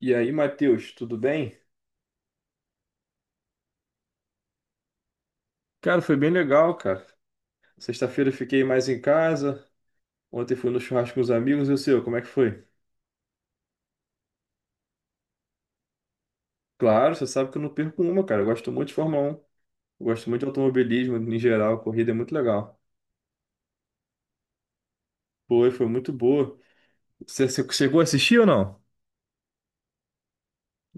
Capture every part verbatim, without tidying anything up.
E aí, Matheus, tudo bem? Cara, foi bem legal, cara. Sexta-feira eu fiquei mais em casa. Ontem fui no churrasco com os amigos. E o seu, como é que foi? Claro, você sabe que eu não perco uma, cara. Eu gosto muito de Fórmula um. Eu gosto muito de automobilismo em geral. A corrida é muito legal. Foi, foi muito boa. Você, você chegou a assistir ou não?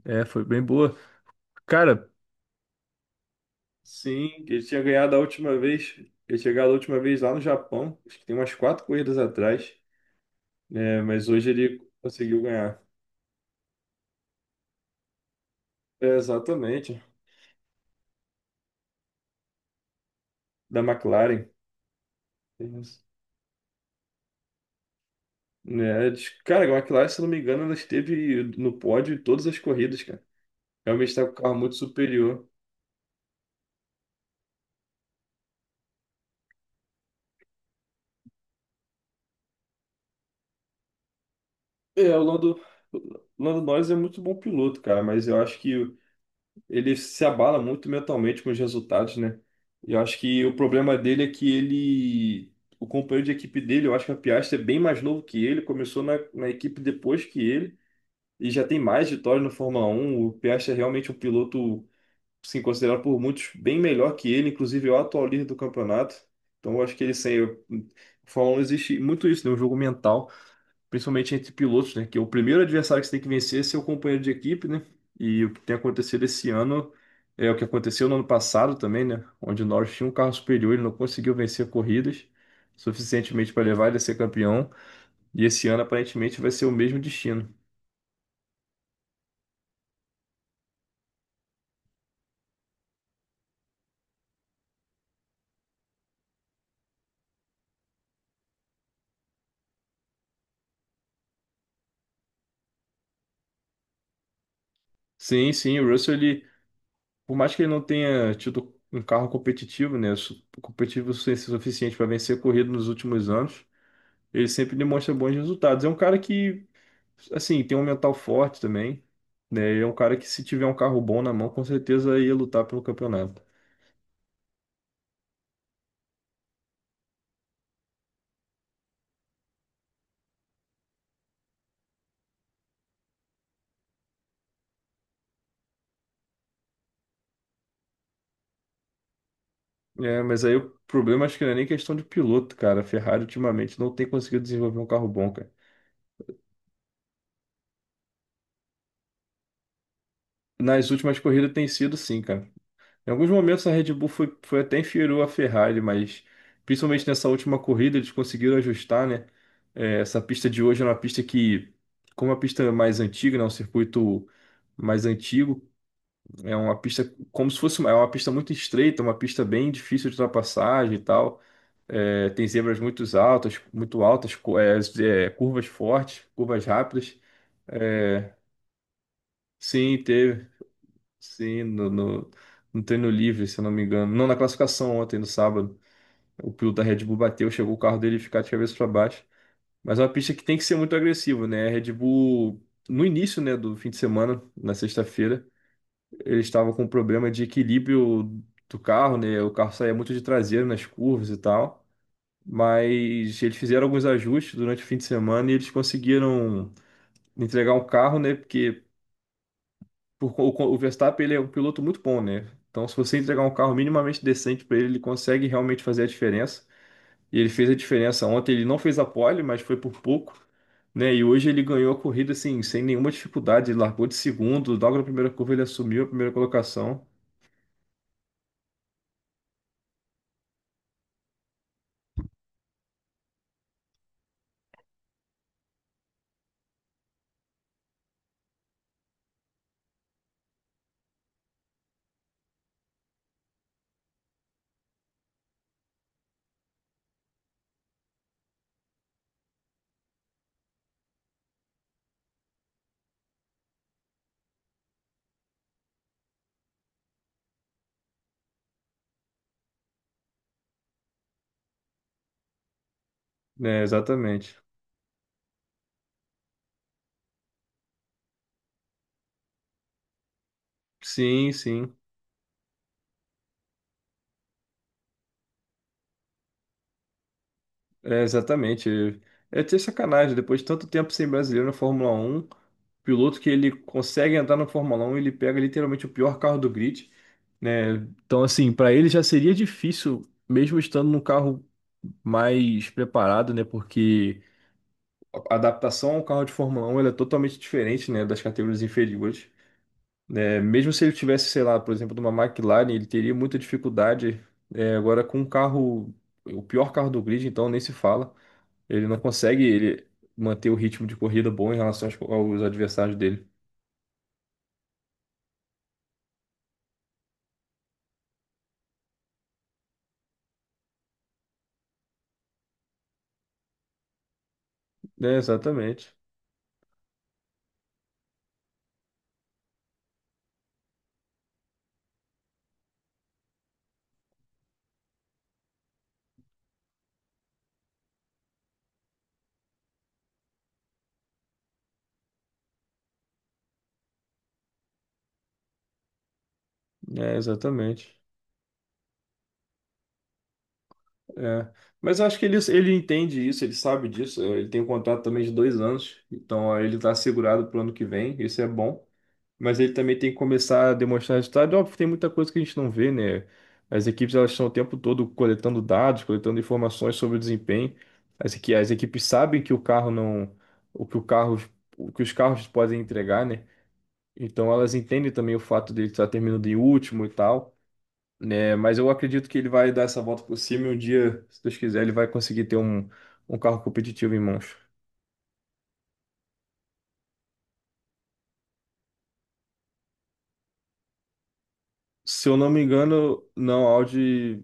É, foi bem boa. Cara, sim, ele tinha ganhado a última vez. Eu tinha ganhado a última vez lá no Japão. Acho que tem umas quatro corridas atrás, né? Mas hoje ele conseguiu ganhar. É, exatamente. Da McLaren. Isso. É, diz- cara, a McLaren, se eu não me engano, ela esteve no pódio em todas as corridas, cara. Realmente está com o carro muito superior. É, o Lando, o Lando Norris é muito bom piloto, cara, mas eu acho que ele se abala muito mentalmente com os resultados, né? E eu acho que o problema dele é que ele. O companheiro de equipe dele, eu acho que a Piastri é bem mais novo que ele, começou na, na equipe depois que ele, e já tem mais vitórias no Fórmula Um. O Piastri é realmente um piloto sim, considerado por muitos bem melhor que ele, inclusive é o atual líder do campeonato. Então eu acho que ele sem. eu- Fórmula um existe muito isso, né? Um jogo mental, principalmente entre pilotos, né? Que é o primeiro adversário que você tem que vencer é seu companheiro de equipe, né? E o que tem acontecido esse ano é o que aconteceu no ano passado também, né? Onde o Norris tinha um carro superior, ele não conseguiu vencer corridas suficientemente para levar ele a ser campeão. E esse ano aparentemente vai ser o mesmo destino. Sim, sim, o Russell ele por mais que ele não tenha tido um carro competitivo, né, su- competitivo o su- suficiente para vencer corrida nos últimos anos, ele sempre demonstra bons resultados. É um cara que, assim, tem um mental forte também, né? E é um cara que se tiver um carro bom na mão, com certeza ia lutar pelo campeonato. É, mas aí o problema acho que não é nem questão de piloto, cara. A Ferrari ultimamente não tem conseguido desenvolver um carro bom, cara. Nas últimas corridas tem sido sim, cara. Em alguns momentos a Red Bull foi, foi até inferior à Ferrari, mas principalmente nessa última corrida eles conseguiram ajustar, né? É, essa pista de hoje é uma pista que, como é uma pista mais antiga, né? Um circuito mais antigo, é uma pista como se fosse uma, é uma pista muito estreita, uma pista bem difícil de ultrapassagem e tal. É, tem zebras muito altas, muito altas, cu- é, é, curvas fortes, curvas rápidas. É, sim, teve, sim, no, no- no treino livre, se eu não me engano. Não, na classificação ontem, no sábado. O piloto da Red Bull bateu, chegou o carro dele ficar de cabeça para baixo. Mas é uma pista que tem que ser muito agressiva, né? A Red Bull, no início, né, do fim de semana, na sexta-feira, eles estavam com um problema de equilíbrio do carro, né? O carro saía muito de traseiro nas curvas e tal. Mas eles fizeram alguns ajustes durante o fim de semana e eles conseguiram entregar um carro, né? Porque por co- o Verstappen, ele é um piloto muito bom, né? Então, se você entregar um carro minimamente decente para ele, ele consegue realmente fazer a diferença. E ele fez a diferença. Ontem ele não fez a pole, mas foi por pouco, né? E hoje ele ganhou a corrida assim, sem nenhuma dificuldade. Ele largou de segundo, logo na primeira curva ele assumiu a primeira colocação, né? Exatamente. Sim, sim, é exatamente. É ter sacanagem, depois de tanto tempo sem brasileiro na Fórmula Um, piloto que ele consegue entrar na Fórmula Um ele pega literalmente o pior carro do grid, né? Então, assim, para ele já seria difícil, mesmo estando num carro mais preparado, né? Porque a adaptação ao carro de Fórmula um ela é totalmente diferente, né, das categorias inferiores. Né? Mesmo se ele tivesse, sei lá, por exemplo, de uma McLaren, ele teria muita dificuldade. É, agora, com um carro, o pior carro do grid, então nem se fala. Ele não consegue ele manter o ritmo de corrida bom em relação aos, aos adversários dele. É, exatamente. É, exatamente. É. Mas eu acho que ele, ele entende isso, ele sabe disso. Ele tem um contrato também de dois anos, então ó, ele está assegurado para o ano que vem. Isso é bom. Mas ele também tem que começar a demonstrar resultado. É óbvio, tem muita coisa que a gente não vê, né? As equipes elas estão o tempo todo coletando dados, coletando informações sobre o desempenho. As, equi- as equipes sabem que o carro não, o que o carro, o que os carros podem entregar, né? Então elas entendem também o fato dele estar terminando em último e tal, né? Mas eu acredito que ele vai dar essa volta por cima e um dia, se Deus quiser, ele vai conseguir ter um, um carro competitivo em mãos. Se eu não me engano, não, a Audi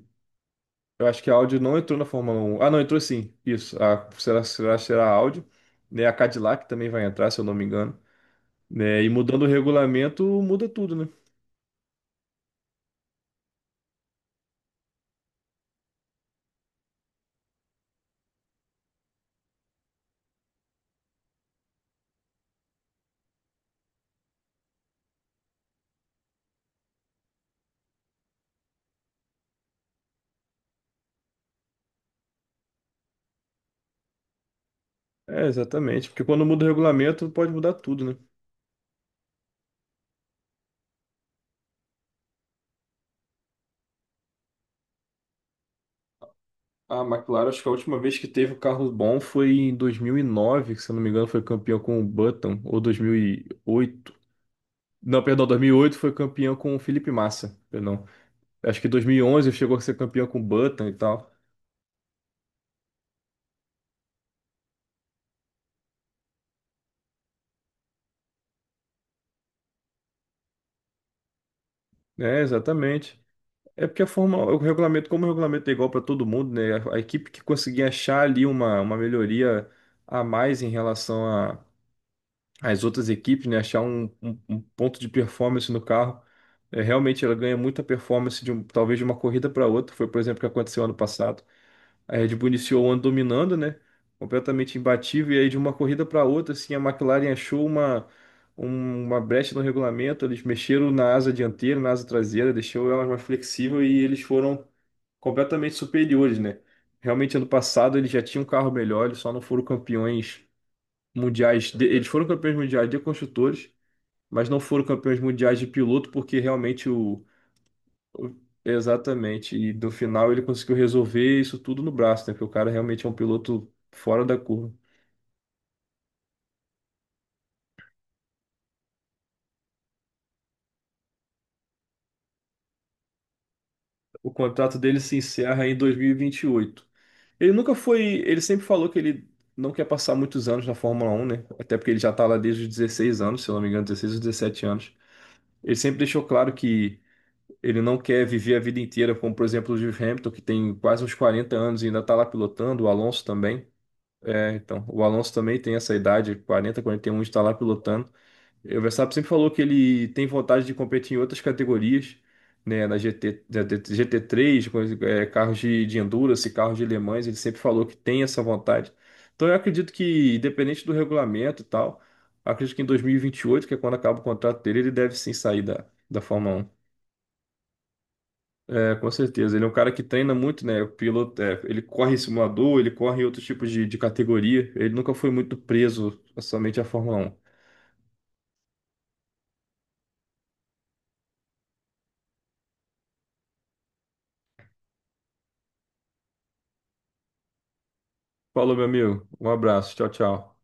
eu acho que a Audi não entrou na Fórmula um. Ah, não, entrou sim. Isso. A, será, será, será a Audi. Né? A Cadillac também vai entrar, se eu não me engano. Né? E mudando o regulamento, muda tudo, né? É, exatamente. Porque quando muda o regulamento, pode mudar tudo, né? A McLaren, acho que a última vez que teve um carro bom foi em dois mil e nove, que se eu não me engano foi campeão com o Button, ou dois mil e oito. Não, perdão, dois mil e oito foi campeão com o Felipe Massa, perdão. Acho que dois mil e onze chegou a ser campeão com o Button e tal. É, exatamente. É porque a forma, o regulamento, como o regulamento é igual para todo mundo, né? A, a equipe que conseguir achar ali uma, uma melhoria a mais em relação a, as outras equipes, né, achar um, um- um ponto de performance no carro. É, realmente ela ganha muita performance de um- talvez de uma corrida para outra. Foi, por exemplo, o que aconteceu ano passado. A Red Bull iniciou o ano dominando, né? Completamente imbatível. E aí, de uma corrida para outra, assim, a McLaren achou uma, um- uma brecha no regulamento. Eles mexeram na asa dianteira, na asa traseira, deixou ela mais flexível e eles foram completamente superiores, né? Realmente, ano passado, eles já tinham um carro melhor, eles só não foram campeões mundiais, de- eles foram campeões mundiais de construtores, mas não foram campeões mundiais de piloto, porque realmente o, o- exatamente, e no final ele conseguiu resolver isso tudo no braço, né? Porque o cara realmente é um piloto fora da curva. O contrato dele se encerra em dois mil e e vinte e oito. Ele nunca foi, ele sempre falou que ele não quer passar muitos anos na Fórmula Um, né? Até porque ele já tá lá desde os dezesseis anos, se eu não me engano, dezesseis ou dezessete anos. Ele sempre deixou claro que ele não quer viver a vida inteira, como por exemplo o Lewis Hamilton, que tem quase uns quarenta anos e ainda está lá pilotando, o Alonso também. É, então, o Alonso também tem essa idade, quarenta, quarenta e um, está lá pilotando. O Verstappen sempre falou que ele tem vontade de competir em outras categorias, né, na G T, na G T três, com, é, carros de, de endurance, carros de Le Mans, ele sempre falou que tem essa vontade. Então, eu acredito que, independente do regulamento e tal, acredito que em dois mil e vinte e oito, que é quando acaba o contrato dele, ele deve sim sair da, da Fórmula um. É, com certeza. Ele é um cara que treina muito, né? O piloto, é, ele corre em simulador, ele corre em outros tipos de, de categoria. Ele nunca foi muito preso somente à Fórmula um. Falou, meu amigo. Um abraço. Tchau, tchau.